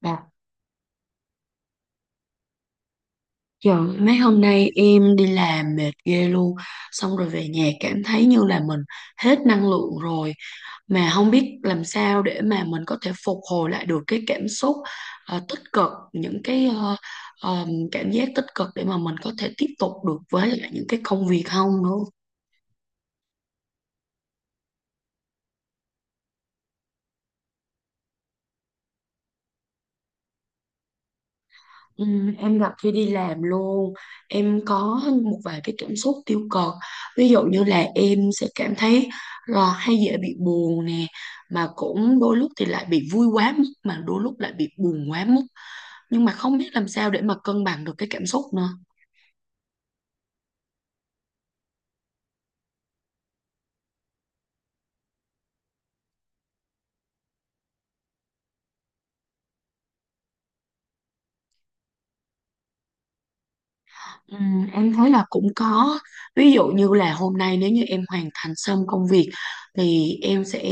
Dạ. Trời, mấy hôm nay em đi làm mệt ghê luôn. Xong rồi về nhà cảm thấy như là mình hết năng lượng rồi. Mà không biết làm sao để mà mình có thể phục hồi lại được cái cảm xúc tích cực. Những cái cảm giác tích cực để mà mình có thể tiếp tục được với lại những cái công việc không nữa. Ừ, em gặp khi đi làm luôn, em có một vài cái cảm xúc tiêu cực, ví dụ như là em sẽ cảm thấy là hay dễ bị buồn nè, mà cũng đôi lúc thì lại bị vui quá mức, mà đôi lúc lại bị buồn quá mức, nhưng mà không biết làm sao để mà cân bằng được cái cảm xúc nữa. Ừ, em thấy là cũng có, ví dụ như là hôm nay nếu như em hoàn thành xong công việc thì em sẽ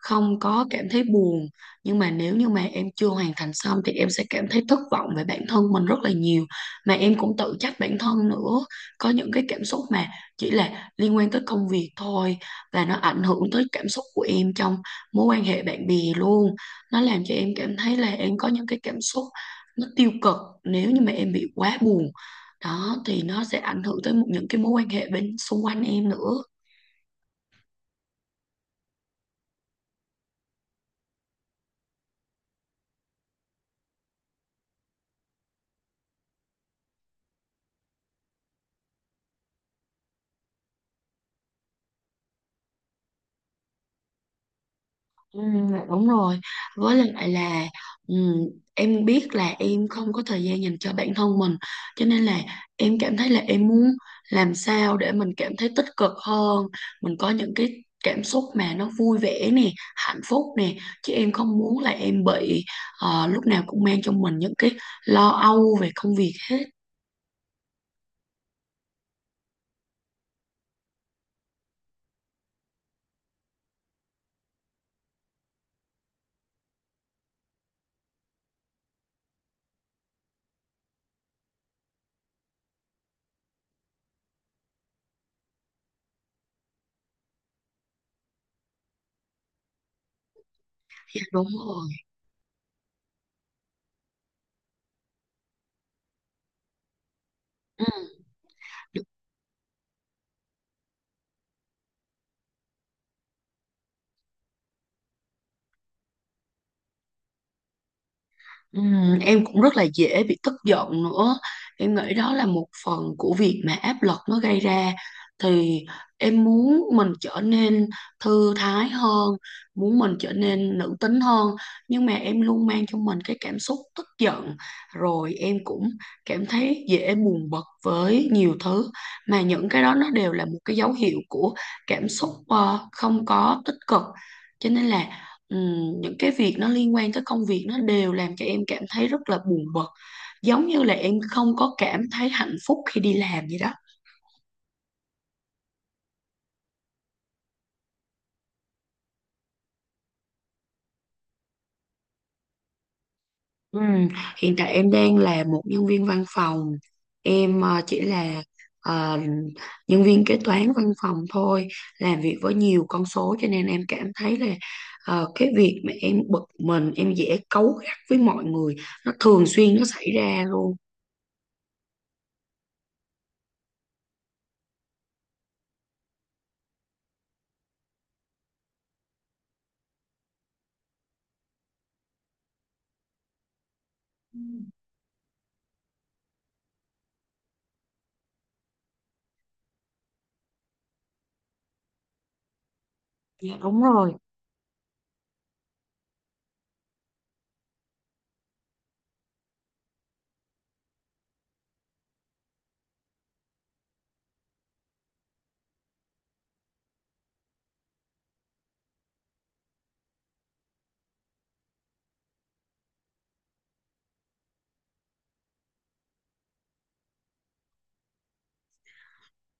không có cảm thấy buồn, nhưng mà nếu như mà em chưa hoàn thành xong thì em sẽ cảm thấy thất vọng về bản thân mình rất là nhiều, mà em cũng tự trách bản thân nữa. Có những cái cảm xúc mà chỉ là liên quan tới công việc thôi, và nó ảnh hưởng tới cảm xúc của em trong mối quan hệ bạn bè luôn. Nó làm cho em cảm thấy là em có những cái cảm xúc nó tiêu cực, nếu như mà em bị quá buồn đó thì nó sẽ ảnh hưởng tới một những cái mối quan hệ bên xung quanh em nữa. ừ, Đúng rồi, với lại là, ừ, em biết là em không có thời gian dành cho bản thân mình, cho nên là em cảm thấy là em muốn làm sao để mình cảm thấy tích cực hơn, mình có những cái cảm xúc mà nó vui vẻ nè, hạnh phúc nè, chứ em không muốn là em bị lúc nào cũng mang trong mình những cái lo âu về công việc hết. Dạ, đúng rồi. Ừ. Em cũng rất là dễ bị tức giận nữa, em nghĩ đó là một phần của việc mà áp lực nó gây ra. Thì em muốn mình trở nên thư thái hơn, muốn mình trở nên nữ tính hơn, nhưng mà em luôn mang trong mình cái cảm xúc tức giận, rồi em cũng cảm thấy dễ buồn bực với nhiều thứ, mà những cái đó nó đều là một cái dấu hiệu của cảm xúc không có tích cực. Cho nên là, những cái việc nó liên quan tới công việc nó đều làm cho em cảm thấy rất là buồn bực, giống như là em không có cảm thấy hạnh phúc khi đi làm vậy đó. Ừm, Hiện tại em đang là một nhân viên văn phòng, em chỉ là ờ, nhân viên kế toán văn phòng thôi, làm việc với nhiều con số, cho nên em cảm thấy là cái việc mà em bực mình, em dễ cáu gắt với mọi người, nó thường xuyên nó xảy ra luôn. Dạ, đúng rồi.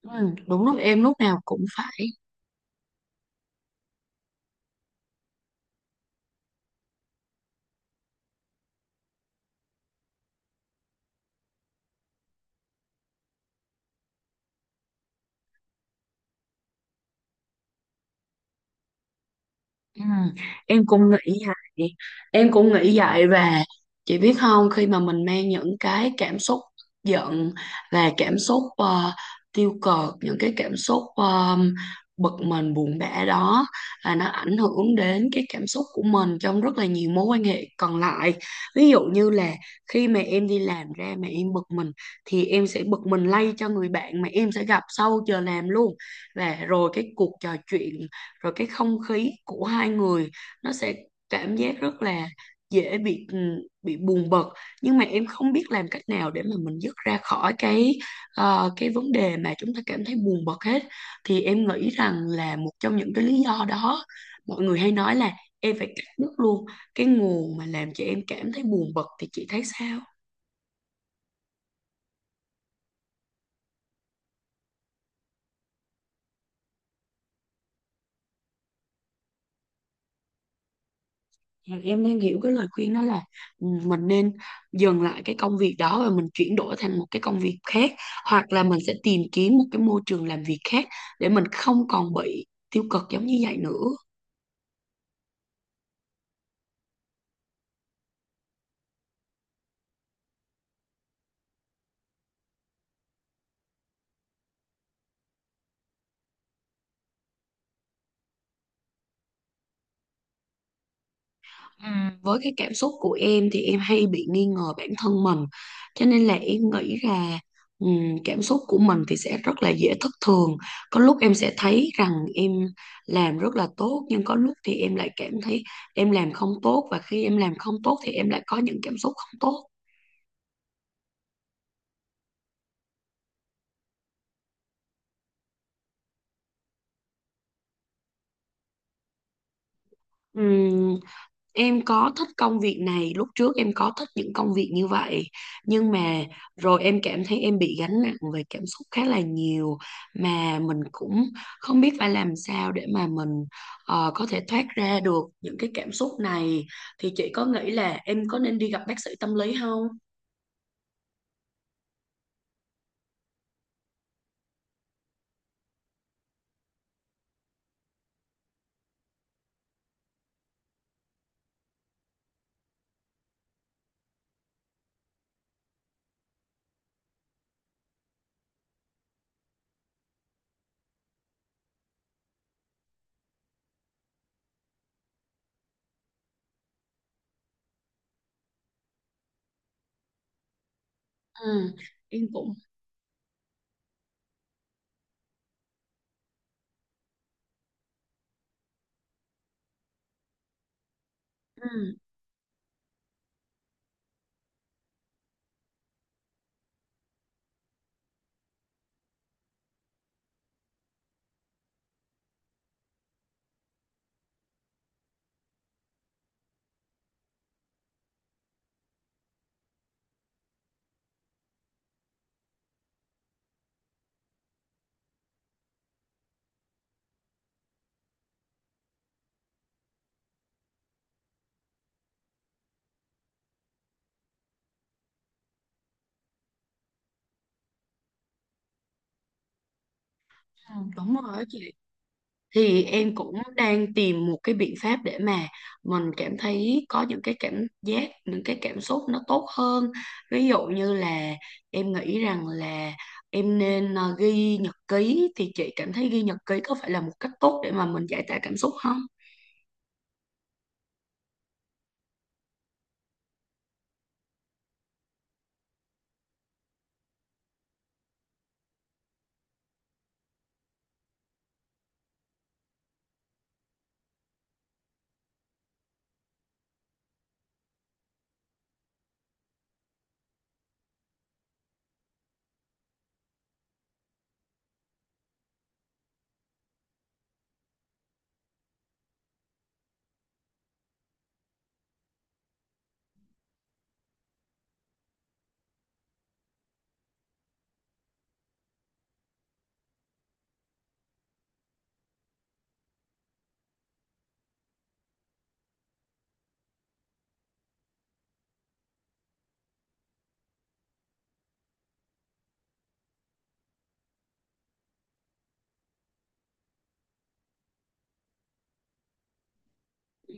Đúng rồi, em lúc nào cũng phải. Ừ, em cũng nghĩ vậy em cũng nghĩ vậy và chị biết không, khi mà mình mang những cái cảm xúc giận và cảm xúc tiêu cực, những cái cảm xúc bực mình buồn bã đó, là nó ảnh hưởng đến cái cảm xúc của mình trong rất là nhiều mối quan hệ còn lại. Ví dụ như là khi mà em đi làm ra mà em bực mình thì em sẽ bực mình lay cho người bạn mà em sẽ gặp sau giờ làm luôn, và rồi cái cuộc trò chuyện, rồi cái không khí của hai người, nó sẽ cảm giác rất là dễ bị bị buồn bực, nhưng mà em không biết làm cách nào để mà mình dứt ra khỏi cái cái vấn đề mà chúng ta cảm thấy buồn bực hết. Thì em nghĩ rằng là một trong những cái lý do đó, mọi người hay nói là em phải cắt đứt luôn cái nguồn mà làm cho em cảm thấy buồn bực, thì chị thấy sao? Dạ, em đang hiểu cái lời khuyên đó là mình nên dừng lại cái công việc đó và mình chuyển đổi thành một cái công việc khác, hoặc là mình sẽ tìm kiếm một cái môi trường làm việc khác để mình không còn bị tiêu cực giống như vậy nữa. À, với cái cảm xúc của em thì em hay bị nghi ngờ bản thân mình, cho nên là em nghĩ là cảm xúc của mình thì sẽ rất là dễ thất thường, có lúc em sẽ thấy rằng em làm rất là tốt, nhưng có lúc thì em lại cảm thấy em làm không tốt, và khi em làm không tốt thì em lại có những cảm xúc không tốt. Em có thích công việc này, lúc trước em có thích những công việc như vậy, nhưng mà rồi em cảm thấy em bị gánh nặng về cảm xúc khá là nhiều, mà mình cũng không biết phải làm sao để mà mình có thể thoát ra được những cái cảm xúc này. Thì chị có nghĩ là em có nên đi gặp bác sĩ tâm lý không? Ừ, em cũng ừ, ừ, đúng rồi đó chị, thì em cũng đang tìm một cái biện pháp để mà mình cảm thấy có những cái cảm giác, những cái cảm xúc nó tốt hơn, ví dụ như là em nghĩ rằng là em nên ghi nhật ký. Thì chị cảm thấy ghi nhật ký có phải là một cách tốt để mà mình giải tỏa cảm xúc không? Ừ.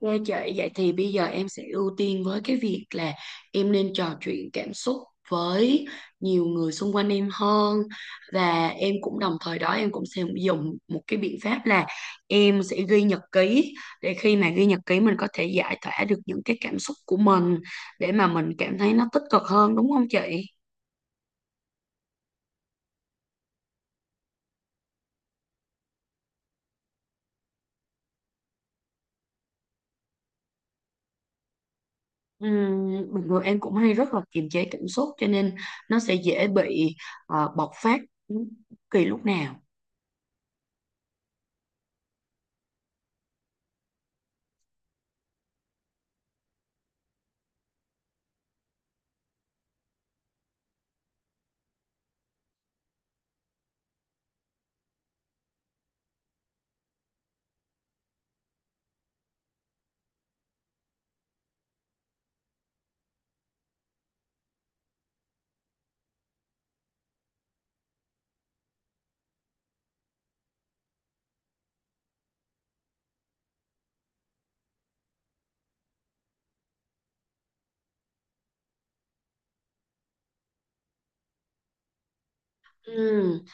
Ok chị, vậy thì bây giờ em sẽ ưu tiên với cái việc là em nên trò chuyện cảm xúc với nhiều người xung quanh em hơn, và em cũng đồng thời đó, em cũng sẽ dùng một cái biện pháp là em sẽ ghi nhật ký, để khi mà ghi nhật ký mình có thể giải tỏa được những cái cảm xúc của mình, để mà mình cảm thấy nó tích cực hơn, đúng không chị? Bình thường em cũng hay rất là kiềm chế cảm xúc, cho nên nó sẽ dễ bị bộc phát bất kỳ lúc nào. Ừm.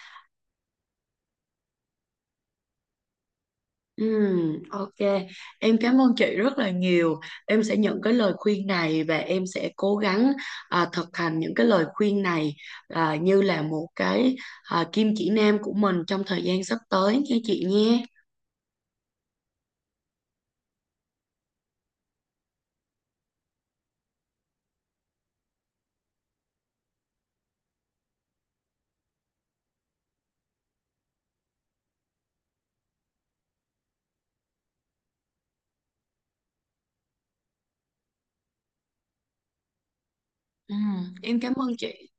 Ok, em cảm ơn chị rất là nhiều. Em sẽ nhận cái lời khuyên này và em sẽ cố gắng, à, thực hành những cái lời khuyên này, à, như là một cái, à, kim chỉ nam của mình trong thời gian sắp tới nha chị nhé. Em cảm ơn chị.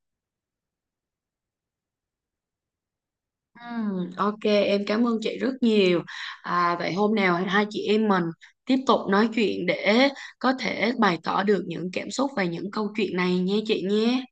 Ok, em cảm ơn chị rất nhiều. À, vậy hôm nào hai chị em mình tiếp tục nói chuyện để có thể bày tỏ được những cảm xúc và những câu chuyện này nha chị nhé.